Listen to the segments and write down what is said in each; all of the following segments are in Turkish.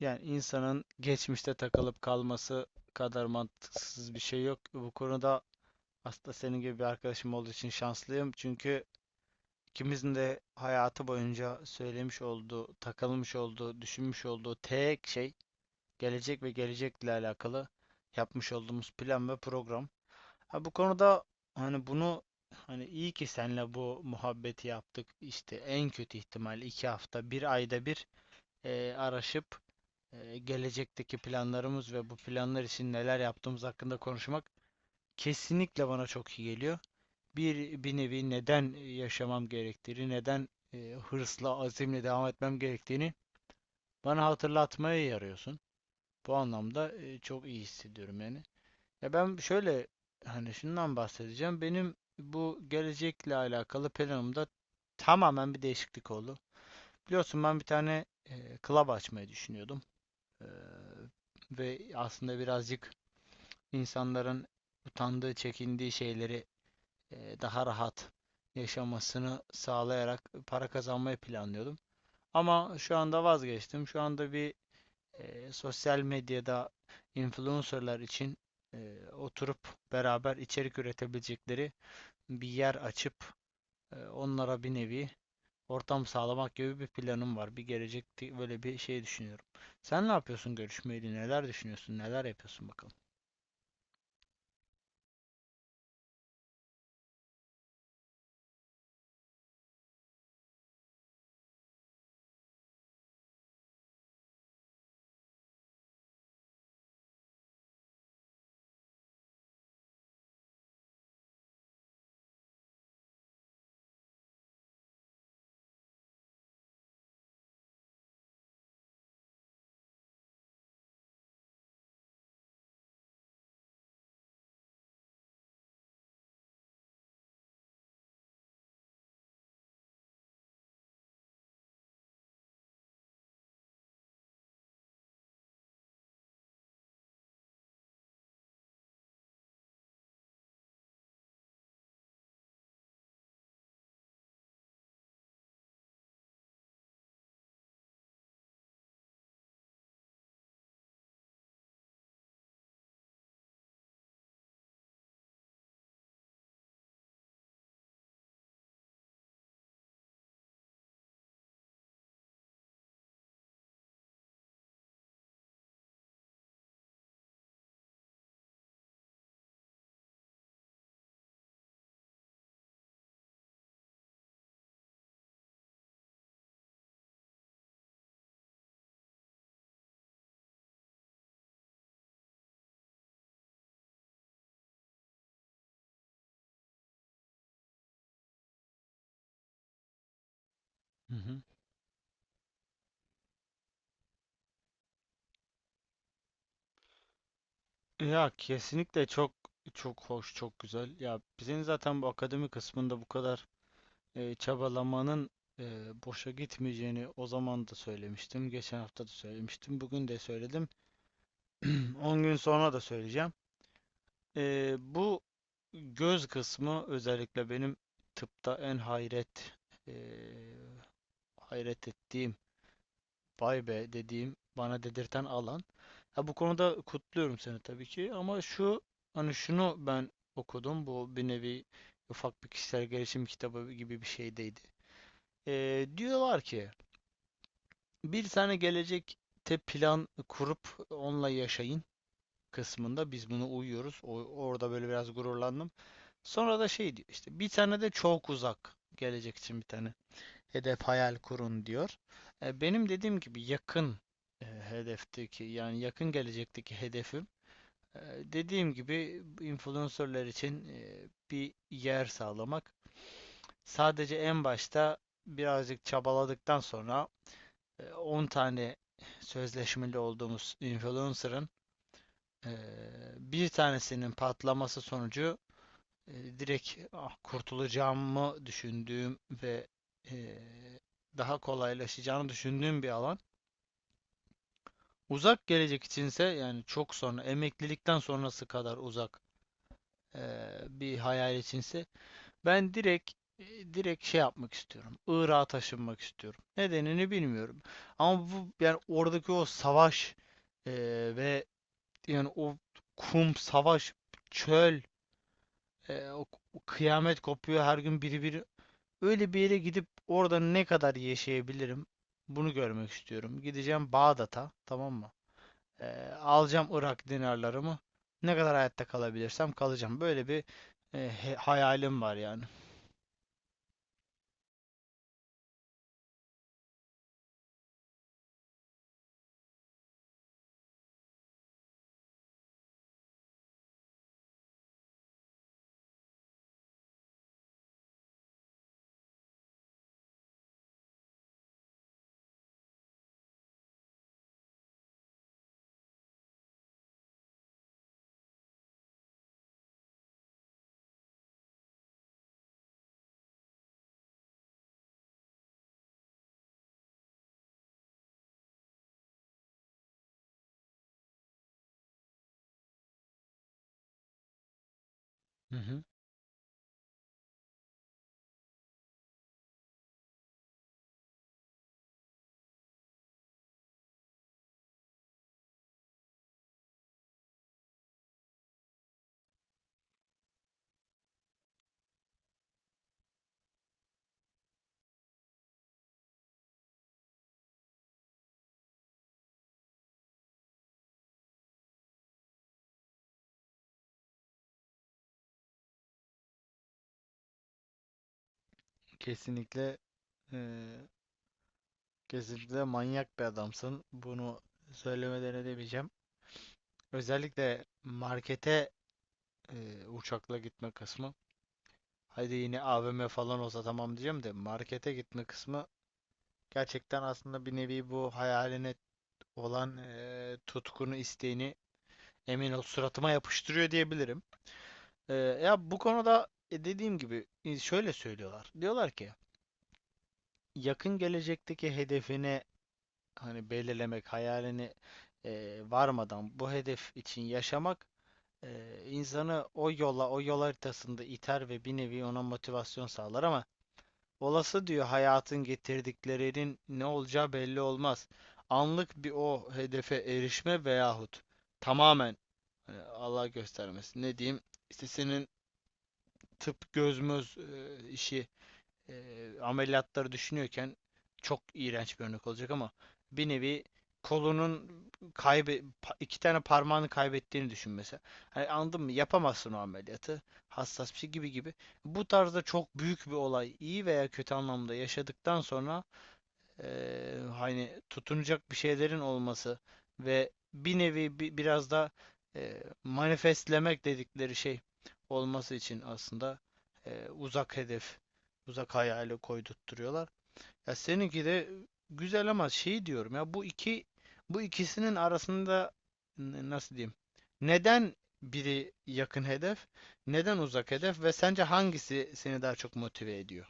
Yani insanın geçmişte takılıp kalması kadar mantıksız bir şey yok. Bu konuda aslında senin gibi bir arkadaşım olduğu için şanslıyım. Çünkü ikimizin de hayatı boyunca söylemiş olduğu, takılmış olduğu, düşünmüş olduğu tek şey gelecek ve gelecekle alakalı yapmış olduğumuz plan ve program. Ha bu konuda hani bunu hani iyi ki seninle bu muhabbeti yaptık. İşte en kötü ihtimal iki hafta, bir ayda bir araşıp gelecekteki planlarımız ve bu planlar için neler yaptığımız hakkında konuşmak kesinlikle bana çok iyi geliyor. Bir nevi neden yaşamam gerektiğini, neden hırsla, azimle devam etmem gerektiğini bana hatırlatmaya yarıyorsun. Bu anlamda çok iyi hissediyorum yani. Ya ben şöyle hani şundan bahsedeceğim. Benim bu gelecekle alakalı planımda tamamen bir değişiklik oldu. Biliyorsun ben bir tane club açmayı düşünüyordum. Ee, Ve aslında birazcık insanların utandığı, çekindiği şeyleri daha rahat yaşamasını sağlayarak para kazanmayı planlıyordum. Ama şu anda vazgeçtim. Şu anda bir sosyal medyada influencerlar için oturup beraber içerik üretebilecekleri bir yer açıp onlara bir nevi ortam sağlamak gibi bir planım var. Bir gelecek böyle bir şey düşünüyorum. Sen ne yapıyorsun görüşmeyle? Neler düşünüyorsun? Neler yapıyorsun bakalım. Hı hı. Ya kesinlikle çok hoş, çok güzel. Ya bizim zaten bu akademi kısmında bu kadar çabalamanın e, boşa gitmeyeceğini o zaman da söylemiştim. Geçen hafta da söylemiştim. Bugün de söyledim. 10 gün sonra da söyleyeceğim. Bu göz kısmı özellikle benim tıpta en ee, hayret ettiğim, vay be dediğim, bana dedirten alan. Ha, bu konuda kutluyorum seni tabii ki ama şu hani şunu ben okudum. Bu bir nevi ufak bir kişisel gelişim kitabı gibi bir şeydeydi. Diyorlar ki bir tane gelecekte plan kurup onunla yaşayın kısmında biz bunu uyuyoruz. Orada böyle biraz gururlandım. Sonra da şey diyor işte bir tane de çok uzak gelecek için bir tane hedef hayal kurun diyor. E, benim dediğim gibi yakın hedefteki yani yakın gelecekteki hedefim dediğim gibi influencerlar için bir yer sağlamak. Sadece en başta birazcık çabaladıktan sonra 10 tane sözleşmeli olduğumuz influencer'ın e, bir tanesinin patlaması sonucu direkt kurtulacağımı düşündüğüm ve e, daha kolaylaşacağını düşündüğüm bir alan. Uzak gelecek içinse yani çok sonra emeklilikten sonrası kadar uzak e, bir hayal içinse ben direkt şey yapmak istiyorum. Irak'a taşınmak istiyorum. Nedenini bilmiyorum. Ama bu yani oradaki o savaş e, ve yani o kum savaş çöl o kıyamet kopuyor her gün biri biri. Öyle bir yere gidip orada ne kadar yaşayabilirim? Bunu görmek istiyorum. Gideceğim Bağdat'a, tamam mı? Ee, Alacağım Irak dinarlarımı. Ne kadar hayatta kalabilirsem kalacağım. Böyle bir hayalim var yani. Hı hı. Kesinlikle e, kesinlikle manyak bir adamsın. Bunu söylemeden edemeyeceğim. Özellikle markete uçakla gitme kısmı. Hadi yine AVM falan olsa tamam diyeceğim de markete gitme kısmı. Gerçekten aslında bir nevi bu hayaline olan tutkunu, isteğini emin ol suratıma yapıştırıyor diyebilirim. Ya bu konuda dediğim gibi şöyle söylüyorlar. Diyorlar ki yakın gelecekteki hedefini hani belirlemek, hayalini varmadan bu hedef için yaşamak insanı o yola, o yol haritasında iter ve bir nevi ona motivasyon sağlar ama olası diyor hayatın getirdiklerinin ne olacağı belli olmaz. Anlık bir o hedefe erişme veyahut tamamen hani Allah göstermesin ne diyeyim işte senin tıp göz işi e, ameliyatları düşünüyorken çok iğrenç bir örnek olacak ama bir nevi kolunun iki tane parmağını kaybettiğini düşün mesela. Hani anladın mı? Yapamazsın o ameliyatı. Hassas bir şey gibi gibi. Bu tarzda çok büyük bir olay iyi veya kötü anlamda yaşadıktan sonra hani tutunacak bir şeylerin olması ve bir nevi biraz da manifestlemek dedikleri şey olması için aslında uzak hedef, uzak hayali koydurtturuyorlar. Ya seninki de güzel ama şey diyorum ya bu ikisinin arasında nasıl diyeyim? Neden biri yakın hedef, neden uzak hedef ve sence hangisi seni daha çok motive ediyor?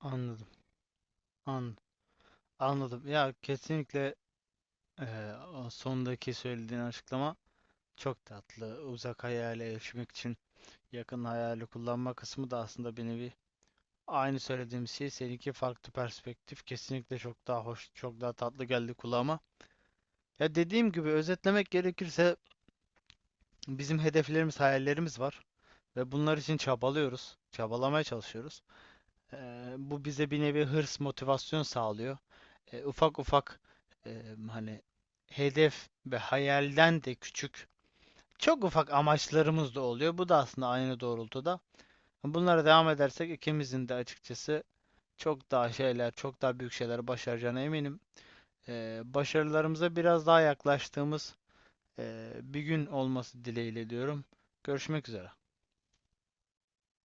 Anladım. An Anladım. Ya kesinlikle o sondaki söylediğin açıklama çok tatlı. Uzak hayale erişmek için yakın hayali kullanma kısmı da aslında bir nevi aynı söylediğim şey. Seninki farklı perspektif. Kesinlikle çok daha hoş, çok daha tatlı geldi kulağıma. Ya dediğim gibi özetlemek gerekirse bizim hedeflerimiz, hayallerimiz var ve bunlar için çabalıyoruz. Çabalamaya çalışıyoruz. Eee, Bu bize bir nevi hırs, motivasyon sağlıyor. Ufak ufak hani hedef ve hayalden de küçük, çok ufak amaçlarımız da oluyor. Bu da aslında aynı doğrultuda. Bunlara devam edersek ikimizin de açıkçası çok daha şeyler, çok daha büyük şeyler başaracağına eminim. Başarılarımıza biraz daha yaklaştığımız bir gün olması dileğiyle diyorum. Görüşmek üzere.